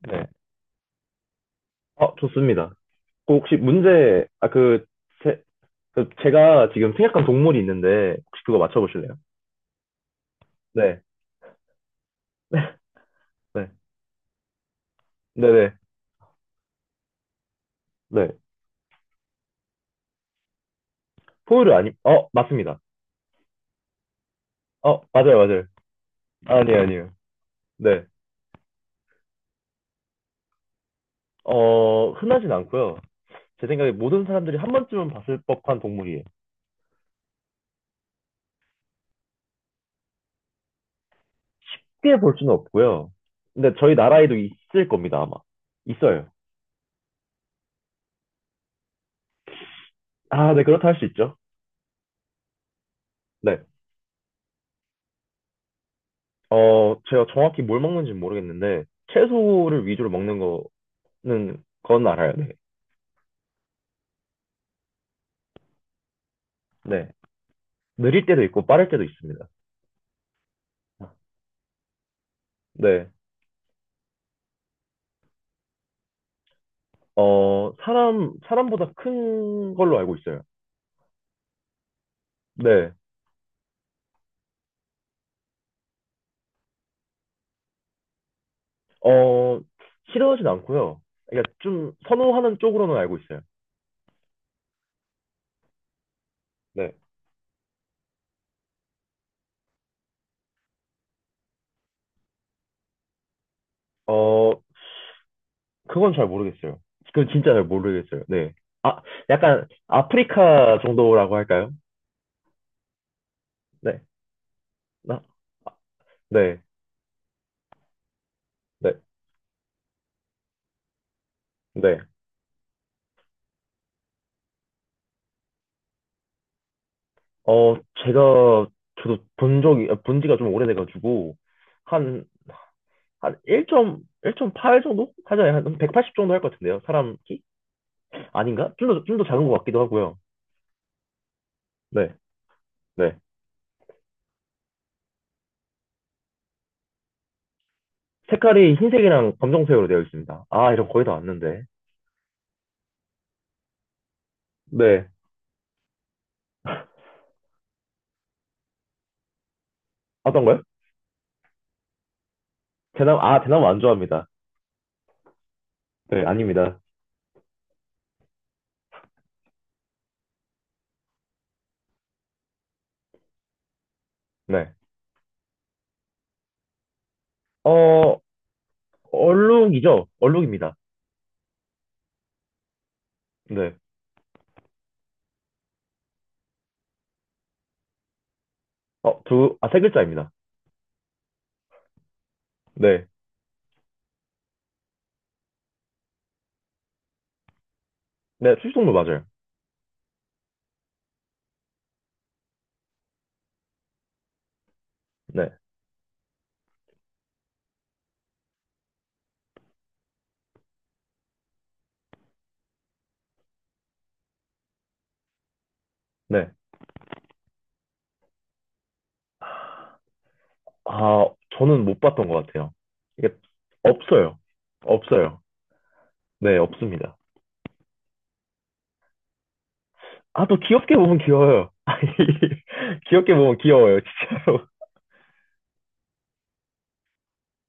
네. 좋습니다. 그 혹시 문제, 아, 그, 제, 그 제가 지금 생각한 동물이 있는데, 혹시 그거 맞춰보실래요? 네. 네. 네네. 네. 포유류 아니, 맞습니다. 맞아요, 맞아요. 아니에요, 아니에요. 네. 흔하진 않고요. 제 생각에 모든 사람들이 한 번쯤은 봤을 법한 동물이에요. 쉽게볼 수는 없고요. 근데 저희 나라에도 있을 겁니다, 아마. 있어요. 아, 네, 그렇다 할 수 있죠. 네. 제가 정확히 뭘 먹는지 모르겠는데, 채소를 위주로 먹는 거 는 그건 알아요. 네. 네. 느릴 때도 있고 빠를 때도 있습니다. 네. 어, 사람, 사람보다 큰 걸로 알고 있어요. 네. 어, 싫어하진 않고요. 그러니까 좀 선호하는 쪽으로는 알고 있어요. 네. 어, 그건 잘 모르겠어요. 그건 진짜 잘 모르겠어요. 네. 아, 약간 아프리카 정도라고 할까요? 네. 나, 아, 네. 네. 네. 어, 제가, 저도 본 지가 좀 오래돼가지고, 한, 한 1점, 1.8 정도? 하잖아요. 한 180 정도 할 것 같은데요. 사람 키? 아닌가? 좀 더 작은 것 같기도 하고요. 네, 네. 색깔이 흰색이랑 검정색으로 되어 있습니다. 아, 이런 거 거의 다 왔는데. 네. 어떤가요? 대나무, 아, 대나무 안 좋아합니다. 네, 아닙니다. 네. 어, 얼룩이죠? 얼룩입니다. 네. 세 글자입니다. 네. 네, 출석물 맞아요. 네, 네. 아, 저는 못 봤던 것 같아요. 이게 없어요. 없어요. 네, 없습니다. 아, 또 귀엽게 보면 귀여워요. 아니, 귀엽게 보면 귀여워요, 진짜로.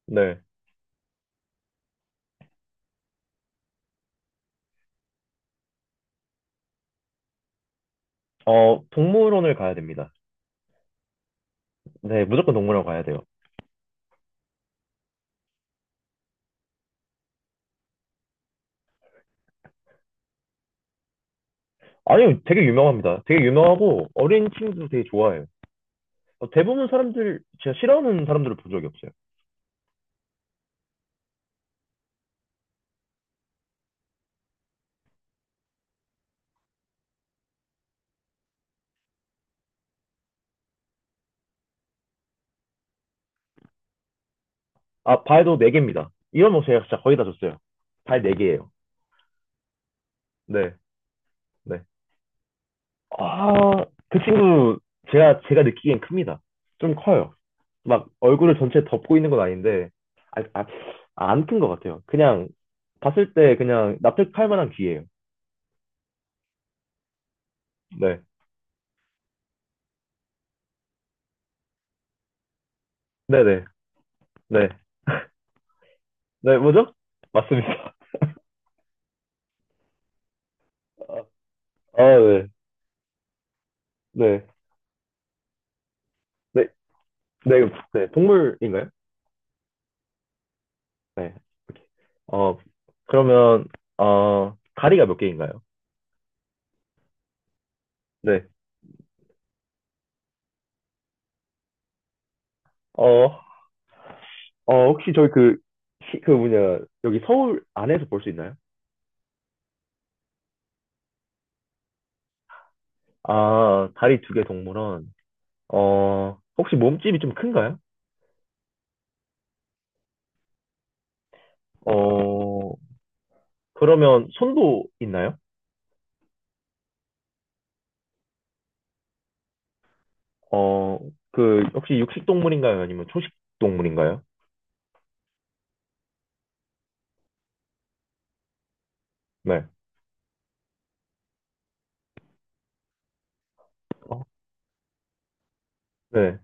네. 동물원을 가야 됩니다. 네, 무조건 동물원 가야 돼요. 아니요, 되게 유명합니다. 되게 유명하고 어린 친구도 되게 좋아해요. 대부분 사람들, 제가 싫어하는 사람들을 본 적이 없어요. 아, 발도 네개입니다 이런 거 제가 진짜 거의 다 줬어요. 발 네개예요 네, 네. 아, 그 친구, 제가 느끼기엔 큽니다. 좀 커요. 막 얼굴을 전체 덮고 있는 건 아닌데 아, 아, 안 큰 것 같아요. 그냥 봤을 때 그냥 납득할 만한 귀예요. 네, 네, 네, 네, 네, 뭐죠? 맞습니다. 아, 네, 네, 네, 네, 네, 동물인가요? 네, 오케이. 어, 그러면 어 다리가 몇 개인가요? 네, 어, 혹시 저희 그, 그 뭐냐 여기 서울 안에서 볼 수 있나요? 아, 다리 두 개 동물원. 혹시 몸집이 좀 큰가요? 어, 그러면 손도 있나요? 어, 혹시 육식 동물인가요? 아니면 초식 동물인가요? 네. 어, 네.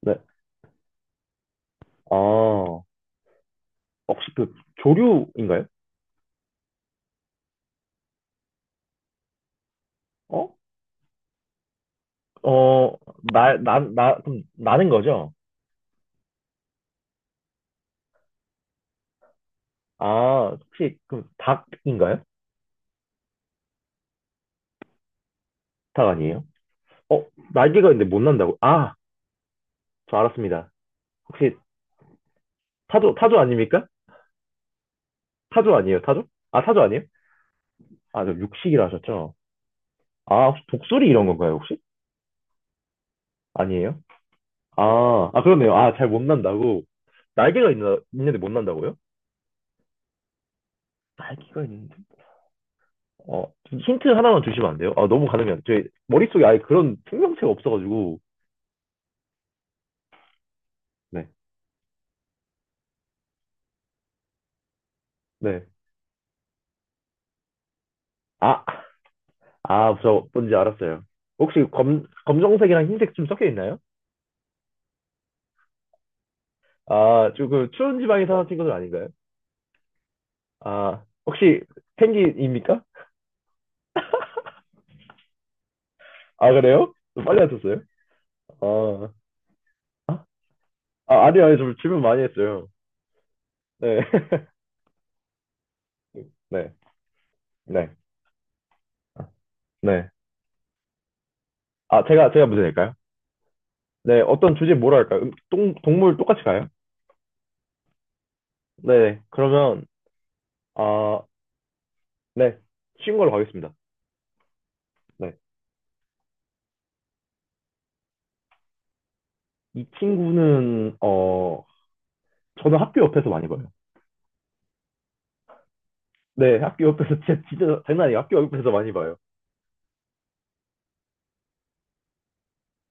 네. 아, 혹시 그 조류인가요? 어? 어, 그럼 나는 거죠? 아, 혹시 그 닭인가요? 닭 아니에요? 어, 날개가 있는데 못 난다고? 아, 저 알았습니다. 혹시 타조 아닙니까? 타조 아니에요, 타조? 아, 타조 아니에요? 아, 저 육식이라 하셨죠? 아, 혹시 독수리 이런 건가요, 혹시? 아니에요? 아, 아, 그렇네요. 아, 잘 못 난다고. 날개가 있나, 있는데 못 난다고요? 날개가 있는데? 어, 힌트 하나만 주시면 안 돼요? 아, 너무 가늠이 제 머릿속에 아예 그런 생명체가 없어가지고. 네, 네. 아, 저 뭔지 알았어요. 혹시 검정색이랑 흰색 좀 섞여 있나요? 아, 조금 추운 지방에 사는 친구들 아닌가요? 아, 혹시 펭귄입니까? 아, 그래요? 빨리 하셨어요. 아, 아니요, 아니요. 좀 질문 많이 했어요. 네, 네, 네, 네. 아, 제가 문제 낼까요? 네, 어떤 주제 뭐로 할까요? 동물 똑같이 가요? 네, 그러면, 아, 네, 쉬운 걸로 가겠습니다. 네. 이 친구는, 저는 학교 옆에서 많이 봐요. 네, 학교 옆에서 진짜, 진짜 장난 아니에요. 학교 옆에서 많이 봐요.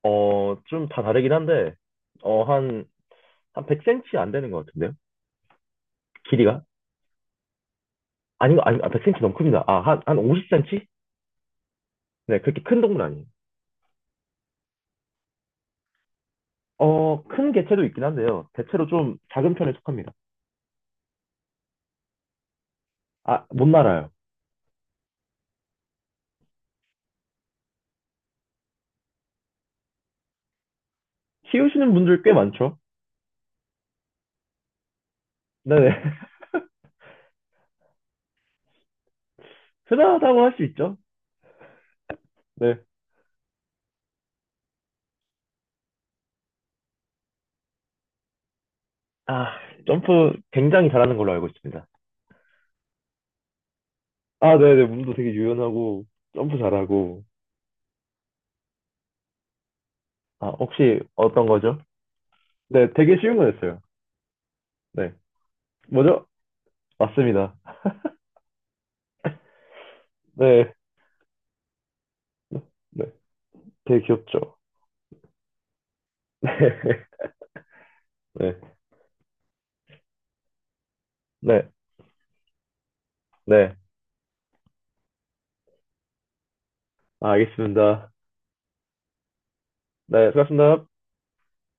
좀 다 다르긴 한데, 어, 한, 한 100cm 안 되는 것 같은데요? 길이가? 아니, 아니, 아, 100cm 너무 큽니다. 한 50cm? 네, 그렇게 큰 동물 아니에요. 큰 개체도 있긴 한데요. 대체로 좀 작은 편에 속합니다. 아, 못 날아요. 키우시는 분들 꽤 많죠. 네네. 흔하다고 할 수 있죠. 네. 아, 점프 굉장히 잘하는 걸로 알고 있습니다. 아, 네네. 몸도 되게 유연하고, 점프 잘하고. 아, 혹시 어떤 거죠? 네, 되게 쉬운 거였어요. 네. 뭐죠? 맞습니다. 네. 네. 되게 귀엽죠. 네. 네. 네. 네. 아, 알겠습니다. 네. 수고하셨습니다.